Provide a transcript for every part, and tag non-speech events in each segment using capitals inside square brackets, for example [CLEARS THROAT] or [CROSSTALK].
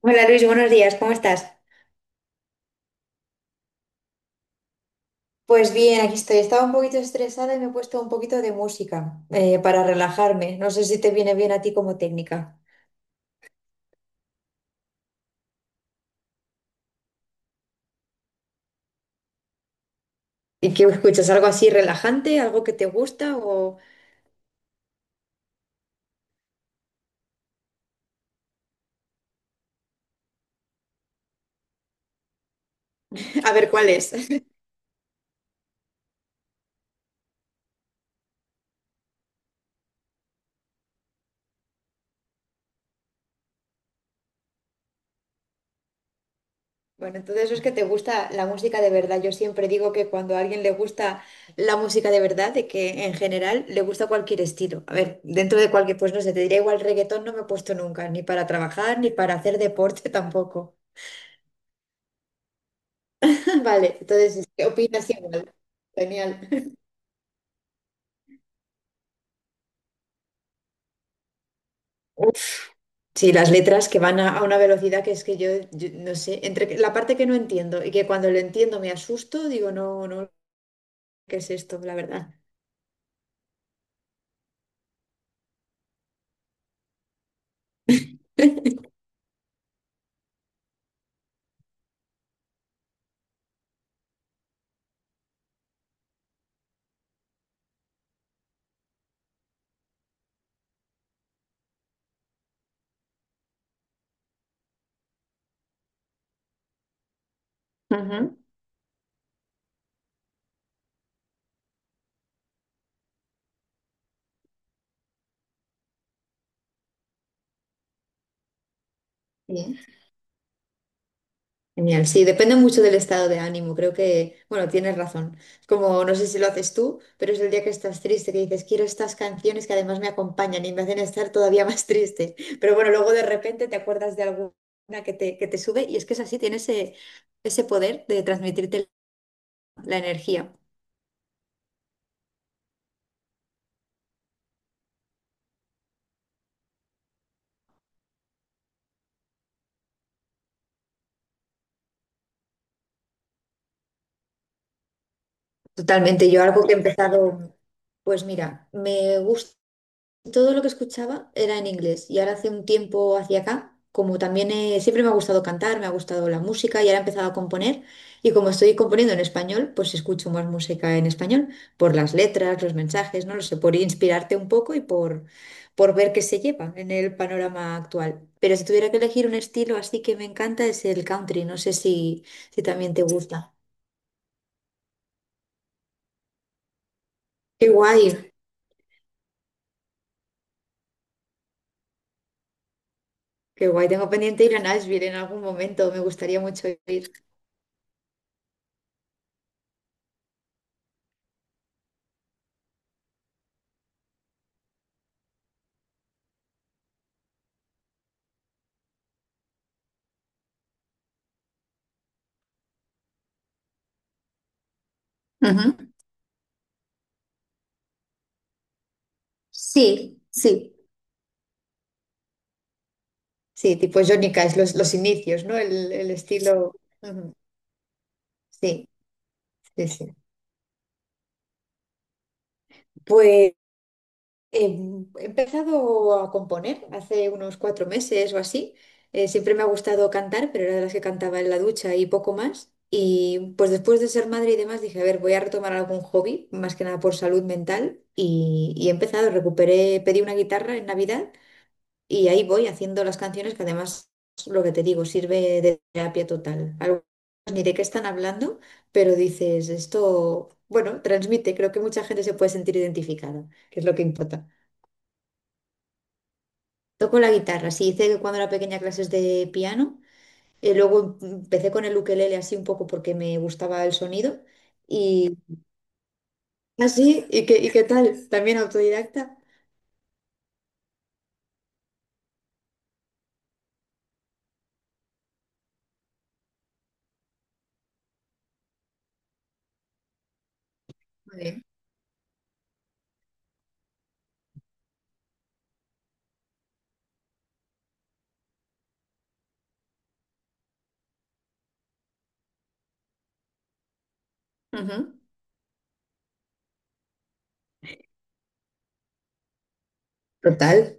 Hola Luis, buenos días, ¿cómo estás? Pues bien, aquí estoy. Estaba un poquito estresada y me he puesto un poquito de música para relajarme. No sé si te viene bien a ti como técnica. ¿Y qué escuchas? ¿Algo así relajante? ¿Algo que te gusta? O [LAUGHS] a ver cuál es. [LAUGHS] Bueno, entonces eso es que te gusta la música de verdad. Yo siempre digo que cuando a alguien le gusta la música de verdad, de que en general le gusta cualquier estilo. A ver, dentro de cualquier, pues no sé, te diría igual reggaetón no me he puesto nunca, ni para trabajar, ni para hacer deporte [LAUGHS] tampoco. Vale, entonces qué opinas igual. Genial. Uf, sí, las letras que van a una velocidad que es que yo no sé, entre la parte que no entiendo y que cuando lo entiendo me asusto, digo, no, no, ¿qué es esto? La verdad. Ujú. Bien. Genial, sí, depende mucho del estado de ánimo. Creo que, bueno, tienes razón. Como no sé si lo haces tú, pero es el día que estás triste, que dices, quiero estas canciones que además me acompañan y me hacen estar todavía [LAUGHS] más triste. Pero bueno, luego de repente te acuerdas de alguna que te sube y es que es así, tiene ese poder de transmitirte la energía. Totalmente, yo algo que he empezado, pues mira, me gusta. Todo lo que escuchaba era en inglés y ahora hace un tiempo hacia acá, como también siempre me ha gustado cantar, me ha gustado la música y ahora he empezado a componer y como estoy componiendo en español, pues escucho más música en español por las letras, los mensajes, no lo sé, por inspirarte un poco y por ver qué se lleva en el panorama actual. Pero si tuviera que elegir un estilo así que me encanta es el country, no sé si también te gusta. Qué guay, qué guay, tengo pendiente ir a Nashville en algún momento, me gustaría mucho ir. Ujú. Sí, sí, sí, tipo Johnny Cash, los inicios, ¿no? El estilo. Ujú, Sí, sí, sí. Pues eh, he empezado a componer hace unos 4 meses o así. Siempre me ha gustado cantar, pero era de las que cantaba en la ducha y poco más. Y pues después de ser madre y demás dije, a ver, voy a retomar algún hobby, más que nada por salud mental. Y he empezado, recuperé, pedí una guitarra en Navidad Y ahí voy haciendo las canciones que además, lo que te digo, sirve de terapia total. Algunas ni de qué están hablando, pero dices, esto, bueno, transmite, creo que mucha gente se puede sentir identificada, que es lo que importa. Toco la guitarra, sí, hice que cuando era pequeña clases de piano, luego empecé con el ukelele así un poco porque me gustaba el sonido y así, ¿y qué tal? También autodidacta. Muy bien. Ujú. Total.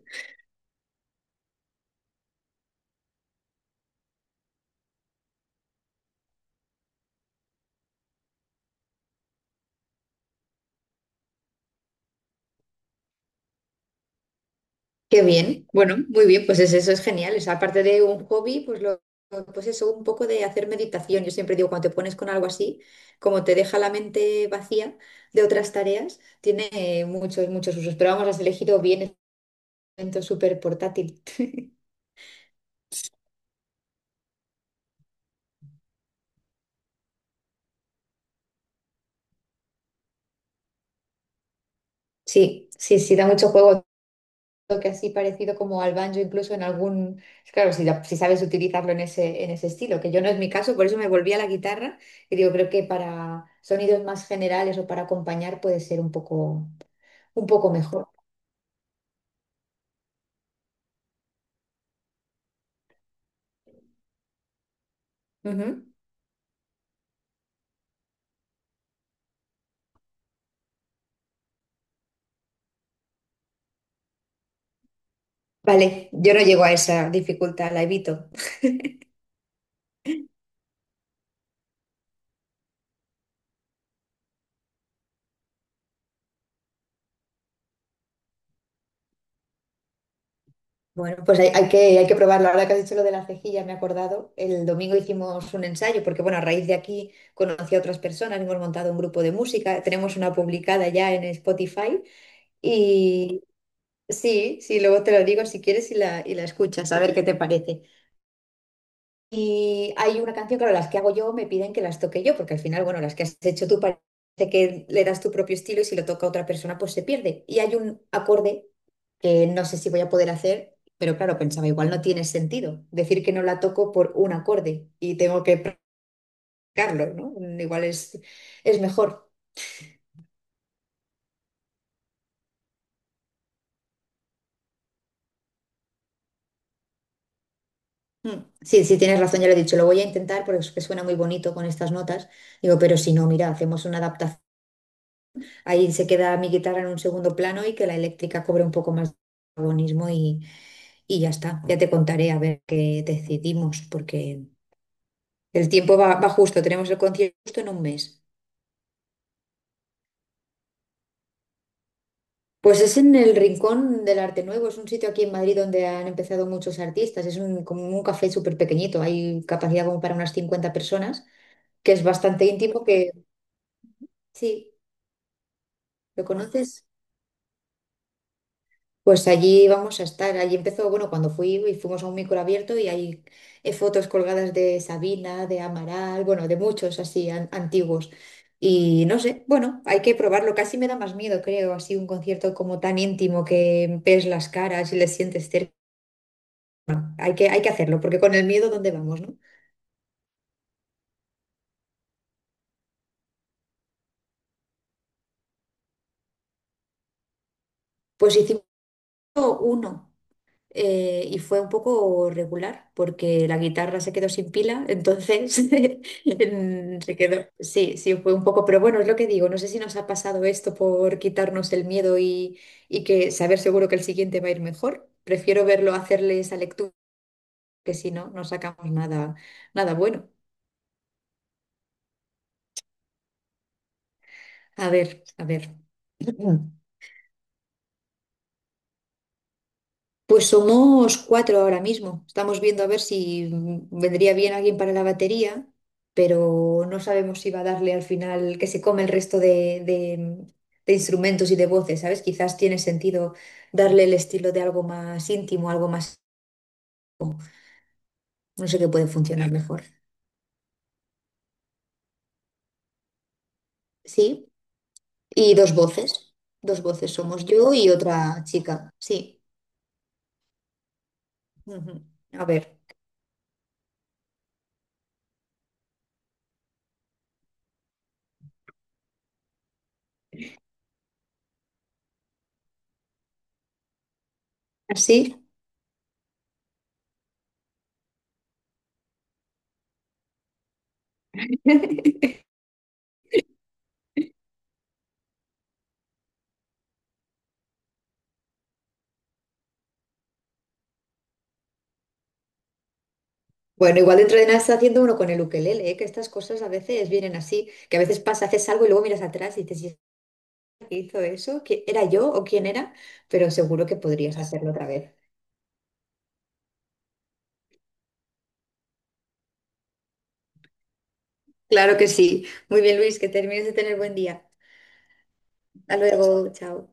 Qué bien, bueno, muy bien, pues eso es genial. O sea, aparte de un hobby, pues pues eso, un poco de hacer meditación. Yo siempre digo, cuando te pones con algo así, como te deja la mente vacía de otras tareas, tiene muchos, muchos usos. Pero vamos, has elegido bien, es momento súper portátil. [LAUGHS] Sí, sí, sí, da mucho juego. Que así parecido como al banjo, incluso en algún, claro, si sabes utilizarlo en ese estilo, que yo no es mi caso, por eso me volví a la guitarra y digo, creo que para sonidos más generales o para acompañar puede ser un poco mejor. Ujú. Vale, yo no llego a esa dificultad, la evito. Bueno, pues hay que probarlo. Ahora que has dicho lo de la cejilla, me he acordado. El domingo hicimos un ensayo, porque bueno, a raíz de aquí conocí a otras personas, hemos montado un grupo de música, tenemos una publicada ya en Spotify. Y Sí, sí, luego te lo digo si quieres y la escuchas, a ver qué te parece. Y hay una canción, claro, las que hago yo me piden que las toque yo, porque al final, bueno, las que has hecho tú parece que le das tu propio estilo y si lo toca otra persona, pues se pierde. Y hay un acorde que no sé si voy a poder hacer, pero claro, pensaba, igual no tiene sentido decir que no la toco por un acorde y tengo que practicarlo, ¿no? Igual es mejor. Mm, sí, sí, tienes razón, ya lo he dicho, lo voy a intentar porque es que suena muy bonito con estas notas. Digo, pero si no, mira, hacemos una adaptación. Ahí se queda mi guitarra en un segundo plano y que la eléctrica cobre un poco más de protagonismo y ya está. Ya te contaré a ver qué decidimos, porque el tiempo va justo. Tenemos el concierto justo en un mes. Pues es en el Rincón del Arte Nuevo, es un sitio aquí en Madrid donde han empezado muchos artistas. Como un café súper pequeñito, hay capacidad como para unas 50 personas, que es bastante íntimo, que sí, ¿lo conoces? Pues allí vamos a estar. Allí empezó, bueno, cuando fui y fuimos a un micro abierto y hay fotos colgadas de Sabina, de Amaral, bueno, de muchos así antiguos. Y no sé, bueno, hay que probarlo. Casi me da más miedo, creo, así un concierto como tan íntimo que ves las caras y les sientes cerca. Hay que hacerlo, porque con el miedo, ¿dónde vamos, no? Pues hicimos uno. Y fue un poco regular porque la guitarra se quedó sin pila, entonces [LAUGHS] se quedó. Sí, sí, fue un poco, pero bueno, es lo que digo, no sé si nos ha pasado esto por quitarnos el miedo y que saber seguro que el siguiente va a ir mejor. Prefiero verlo hacerle esa lectura, que si no, no sacamos nada, nada bueno. A ver, a ver. [CLEARS THROAT] Pues somos cuatro ahora mismo. Estamos viendo a ver si vendría bien alguien para la batería, pero no sabemos si va a darle al final que se come el resto de instrumentos y de voces, ¿sabes? Quizás tiene sentido darle el estilo de algo más íntimo, algo más, no sé qué puede funcionar mejor. Sí, y dos voces. Dos voces somos yo y otra chica. Sí. Ujú. A ver. ¿Así? [LAUGHS] Bueno, igual dentro de nada está haciendo uno con el ukelele, ¿eh? Que estas cosas a veces vienen así, que a veces pasa, haces algo y luego miras atrás y dices, "¿Y esta que hizo eso? Era yo o quién era? Pero seguro que podrías hacerlo otra vez. Claro que sí. Muy bien, Luis, que termines de tener buen día. Hasta luego, chao.